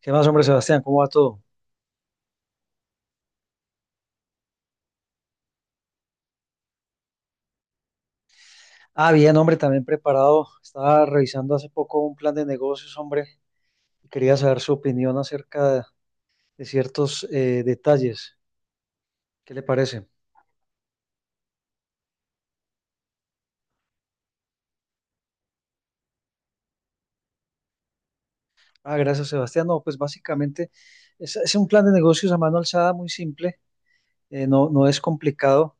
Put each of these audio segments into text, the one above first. ¿Qué más, hombre, Sebastián? ¿Cómo va todo? Ah, bien, hombre, también preparado. Estaba revisando hace poco un plan de negocios, hombre, y quería saber su opinión acerca de ciertos detalles. ¿Qué le parece? Ah, gracias, Sebastián. No, pues básicamente es un plan de negocios a mano alzada muy simple, no, no es complicado.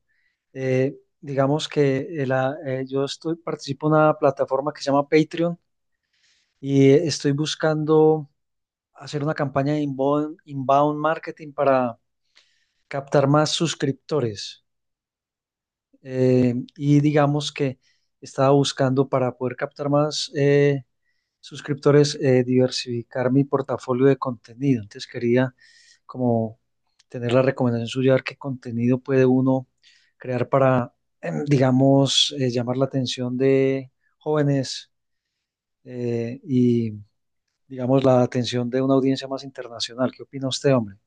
Digamos que yo estoy, participo en una plataforma que se llama Patreon y estoy buscando hacer una campaña de inbound marketing para captar más suscriptores. Y digamos que estaba buscando para poder captar más suscriptores, diversificar mi portafolio de contenido. Entonces quería como tener la recomendación suya, a ver qué contenido puede uno crear para, digamos, llamar la atención de jóvenes y, digamos, la atención de una audiencia más internacional. ¿Qué opina usted, hombre?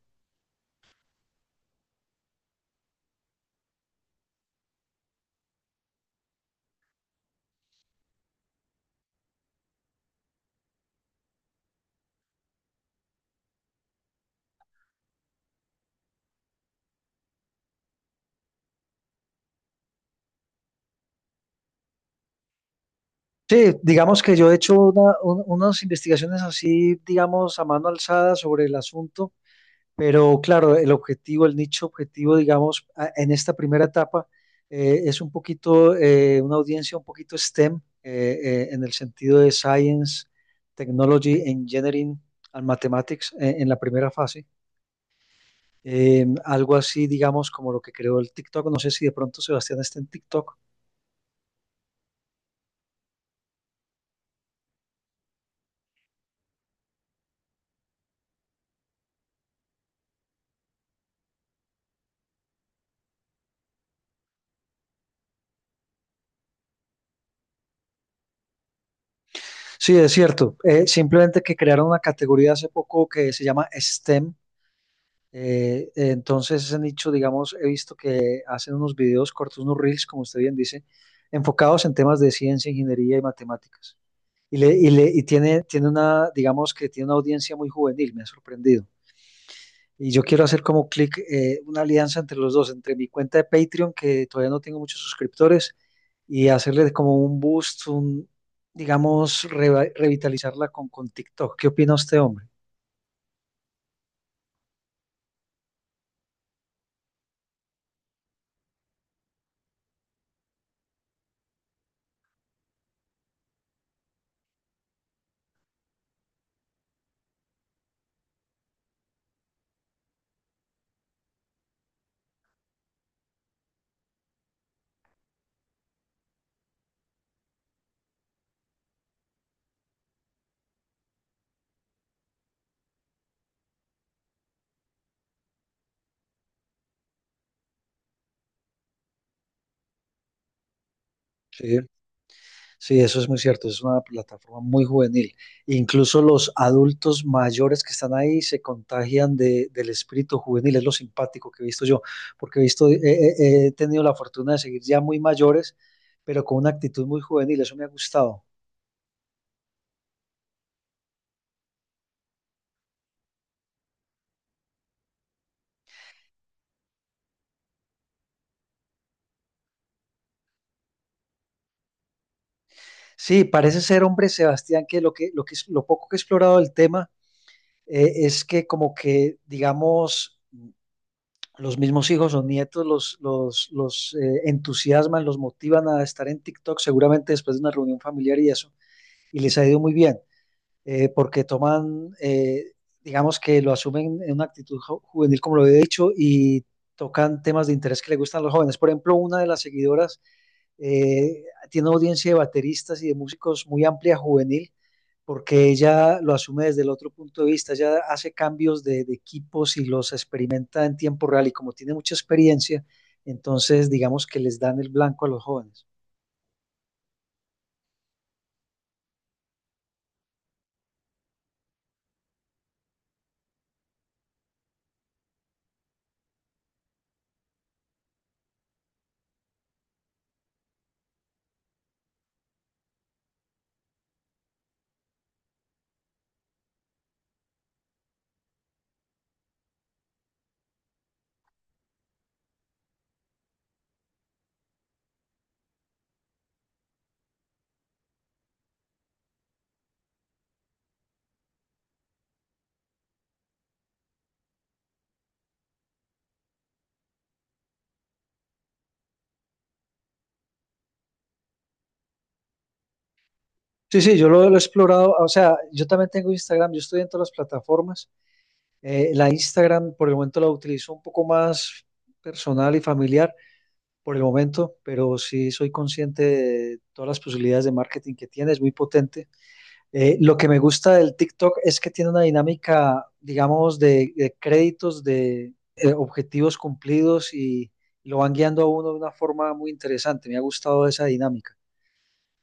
Sí, digamos que yo he hecho unas investigaciones así, digamos, a mano alzada sobre el asunto, pero claro, el objetivo, el nicho objetivo, digamos, en esta primera etapa es un poquito, una audiencia un poquito STEM, en el sentido de Science, Technology, Engineering and Mathematics, en la primera fase. Algo así, digamos, como lo que creó el TikTok. No sé si de pronto Sebastián está en TikTok. Sí, es cierto. Simplemente que crearon una categoría hace poco que se llama STEM. Entonces, ese nicho, digamos, he visto que hacen unos videos cortos, unos reels, como usted bien dice, enfocados en temas de ciencia, ingeniería y matemáticas. Y tiene una, digamos que tiene una audiencia muy juvenil, me ha sorprendido. Y yo quiero hacer como clic una alianza entre los dos, entre mi cuenta de Patreon, que todavía no tengo muchos suscriptores, y hacerle como un boost, un, digamos, revitalizarla con TikTok. ¿Qué opina usted, hombre? Sí, sí, eso es muy cierto. Es una plataforma muy juvenil. Incluso los adultos mayores que están ahí se contagian del espíritu juvenil. Es lo simpático que he visto yo, porque he visto, he tenido la fortuna de seguir ya muy mayores, pero con una actitud muy juvenil. Eso me ha gustado. Sí, parece ser, hombre, Sebastián, que lo poco que he explorado del tema es que como que, digamos, los mismos hijos o nietos los entusiasman, los motivan a estar en TikTok, seguramente después de una reunión familiar y eso, y les ha ido muy bien, porque toman, digamos que lo asumen en una actitud juvenil, como lo he dicho, y tocan temas de interés que le gustan a los jóvenes. Por ejemplo, una de las seguidoras eh, tiene una audiencia de bateristas y de músicos muy amplia, juvenil, porque ella lo asume desde el otro punto de vista, ella hace cambios de equipos y los experimenta en tiempo real y como tiene mucha experiencia, entonces digamos que les dan el blanco a los jóvenes. Sí, sí, lo he explorado, o sea, yo también tengo Instagram, yo estoy en todas las plataformas. La Instagram por el momento la utilizo un poco más personal y familiar por el momento, pero sí soy consciente de todas las posibilidades de marketing que tiene, es muy potente. Lo que me gusta del TikTok es que tiene una dinámica, digamos, de créditos, de objetivos cumplidos y lo van guiando a uno de una forma muy interesante. Me ha gustado esa dinámica.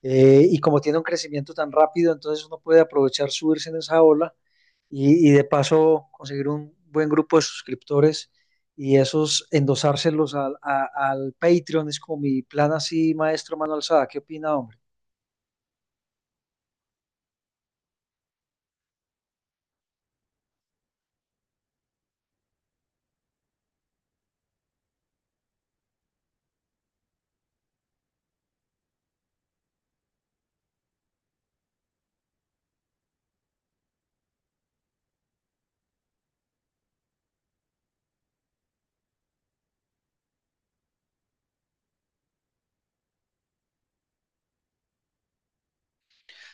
Y como tiene un crecimiento tan rápido, entonces uno puede aprovechar subirse en esa ola y de paso conseguir un buen grupo de suscriptores y esos endosárselos al Patreon. Es como mi plan así, maestro Manuel Sada. ¿Qué opina, hombre?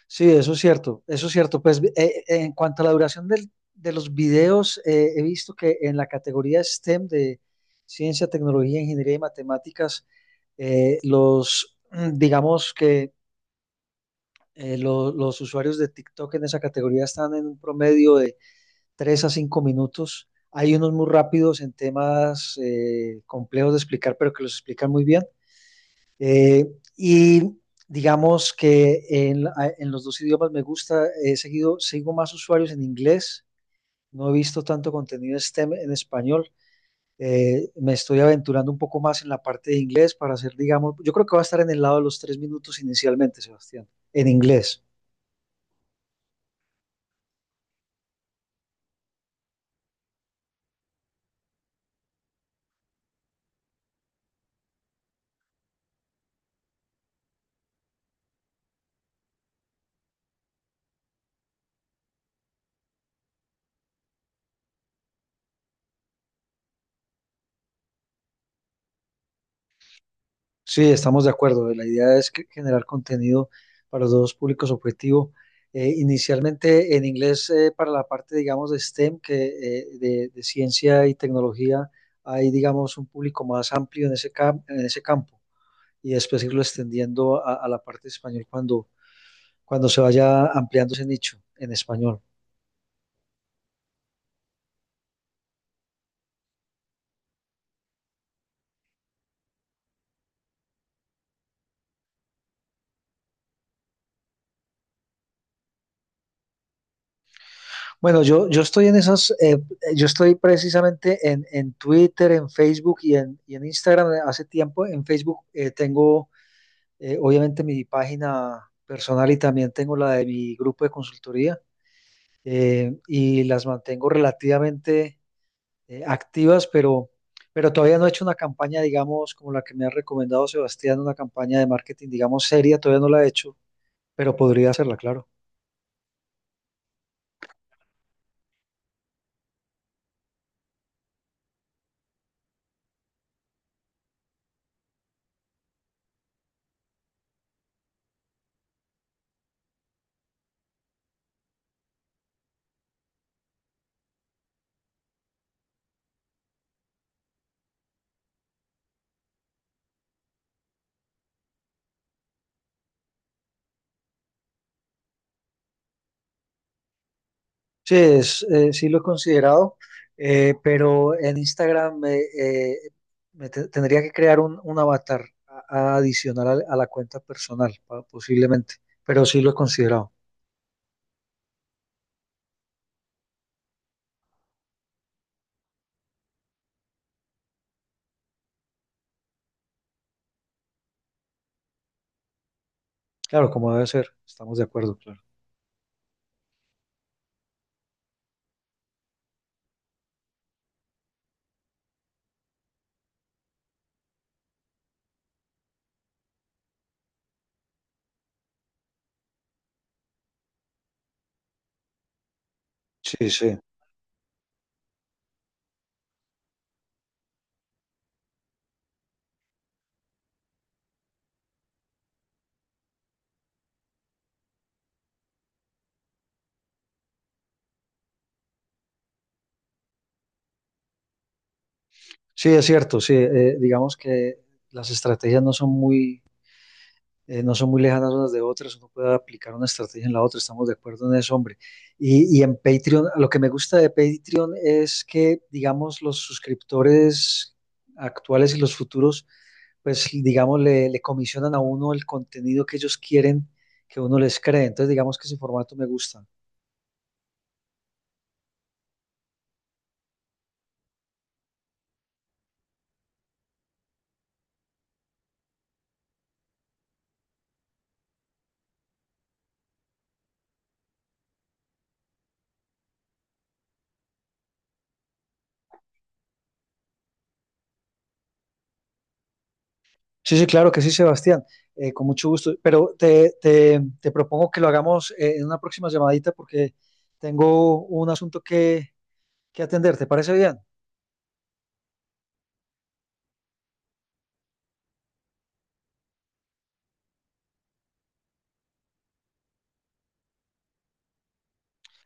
Sí, eso es cierto, eso es cierto. Pues en cuanto a la duración de los videos, he visto que en la categoría STEM de ciencia, tecnología, ingeniería y matemáticas, los, mm, digamos que los usuarios de TikTok en esa categoría están en un promedio de 3 a 5 minutos. Hay unos muy rápidos en temas complejos de explicar, pero que los explican muy bien. Eh, y digamos que en los dos idiomas me gusta, he seguido, sigo más usuarios en inglés, no he visto tanto contenido STEM en español. Me estoy aventurando un poco más en la parte de inglés para hacer, digamos, yo creo que va a estar en el lado de los tres minutos inicialmente, Sebastián, en inglés. Sí, estamos de acuerdo. La idea es que- generar contenido para los dos públicos objetivo. Inicialmente en inglés para la parte, digamos, de STEM, que de ciencia y tecnología, hay, digamos, un público más amplio en ese, en ese campo y después irlo extendiendo a la parte de español cuando, cuando se vaya ampliando ese nicho en español. Bueno, yo estoy en esas, yo estoy precisamente en Twitter, en Facebook y en Instagram hace tiempo. En Facebook tengo eh, obviamente mi página personal y también tengo la de mi grupo de consultoría y las mantengo relativamente activas, pero todavía no he hecho una campaña, digamos, como la que me ha recomendado Sebastián, una campaña de marketing, digamos, seria, todavía no la he hecho, pero podría hacerla, claro. Sí, es, sí lo he considerado, pero en Instagram tendría que crear un avatar adicional a la cuenta personal, posiblemente, pero sí lo he considerado. Claro, como debe ser, estamos de acuerdo, claro. Sí, sí. Sí, es cierto, sí. Digamos que las estrategias no son muy, no son muy lejanas unas de otras, uno puede aplicar una estrategia en la otra, estamos de acuerdo en eso, hombre. Y en Patreon, lo que me gusta de Patreon es que, digamos, los suscriptores actuales y los futuros, pues, digamos, le comisionan a uno el contenido que ellos quieren que uno les cree. Entonces, digamos que ese formato me gusta. Sí, sí, claro que sí, Sebastián. Con mucho gusto. Pero te propongo que lo hagamos en una próxima llamadita porque tengo un asunto que atender. ¿Te parece bien?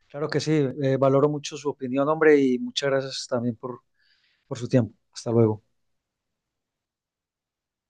Claro que sí. Valoro mucho su opinión, hombre, y muchas gracias también por su tiempo. Hasta luego.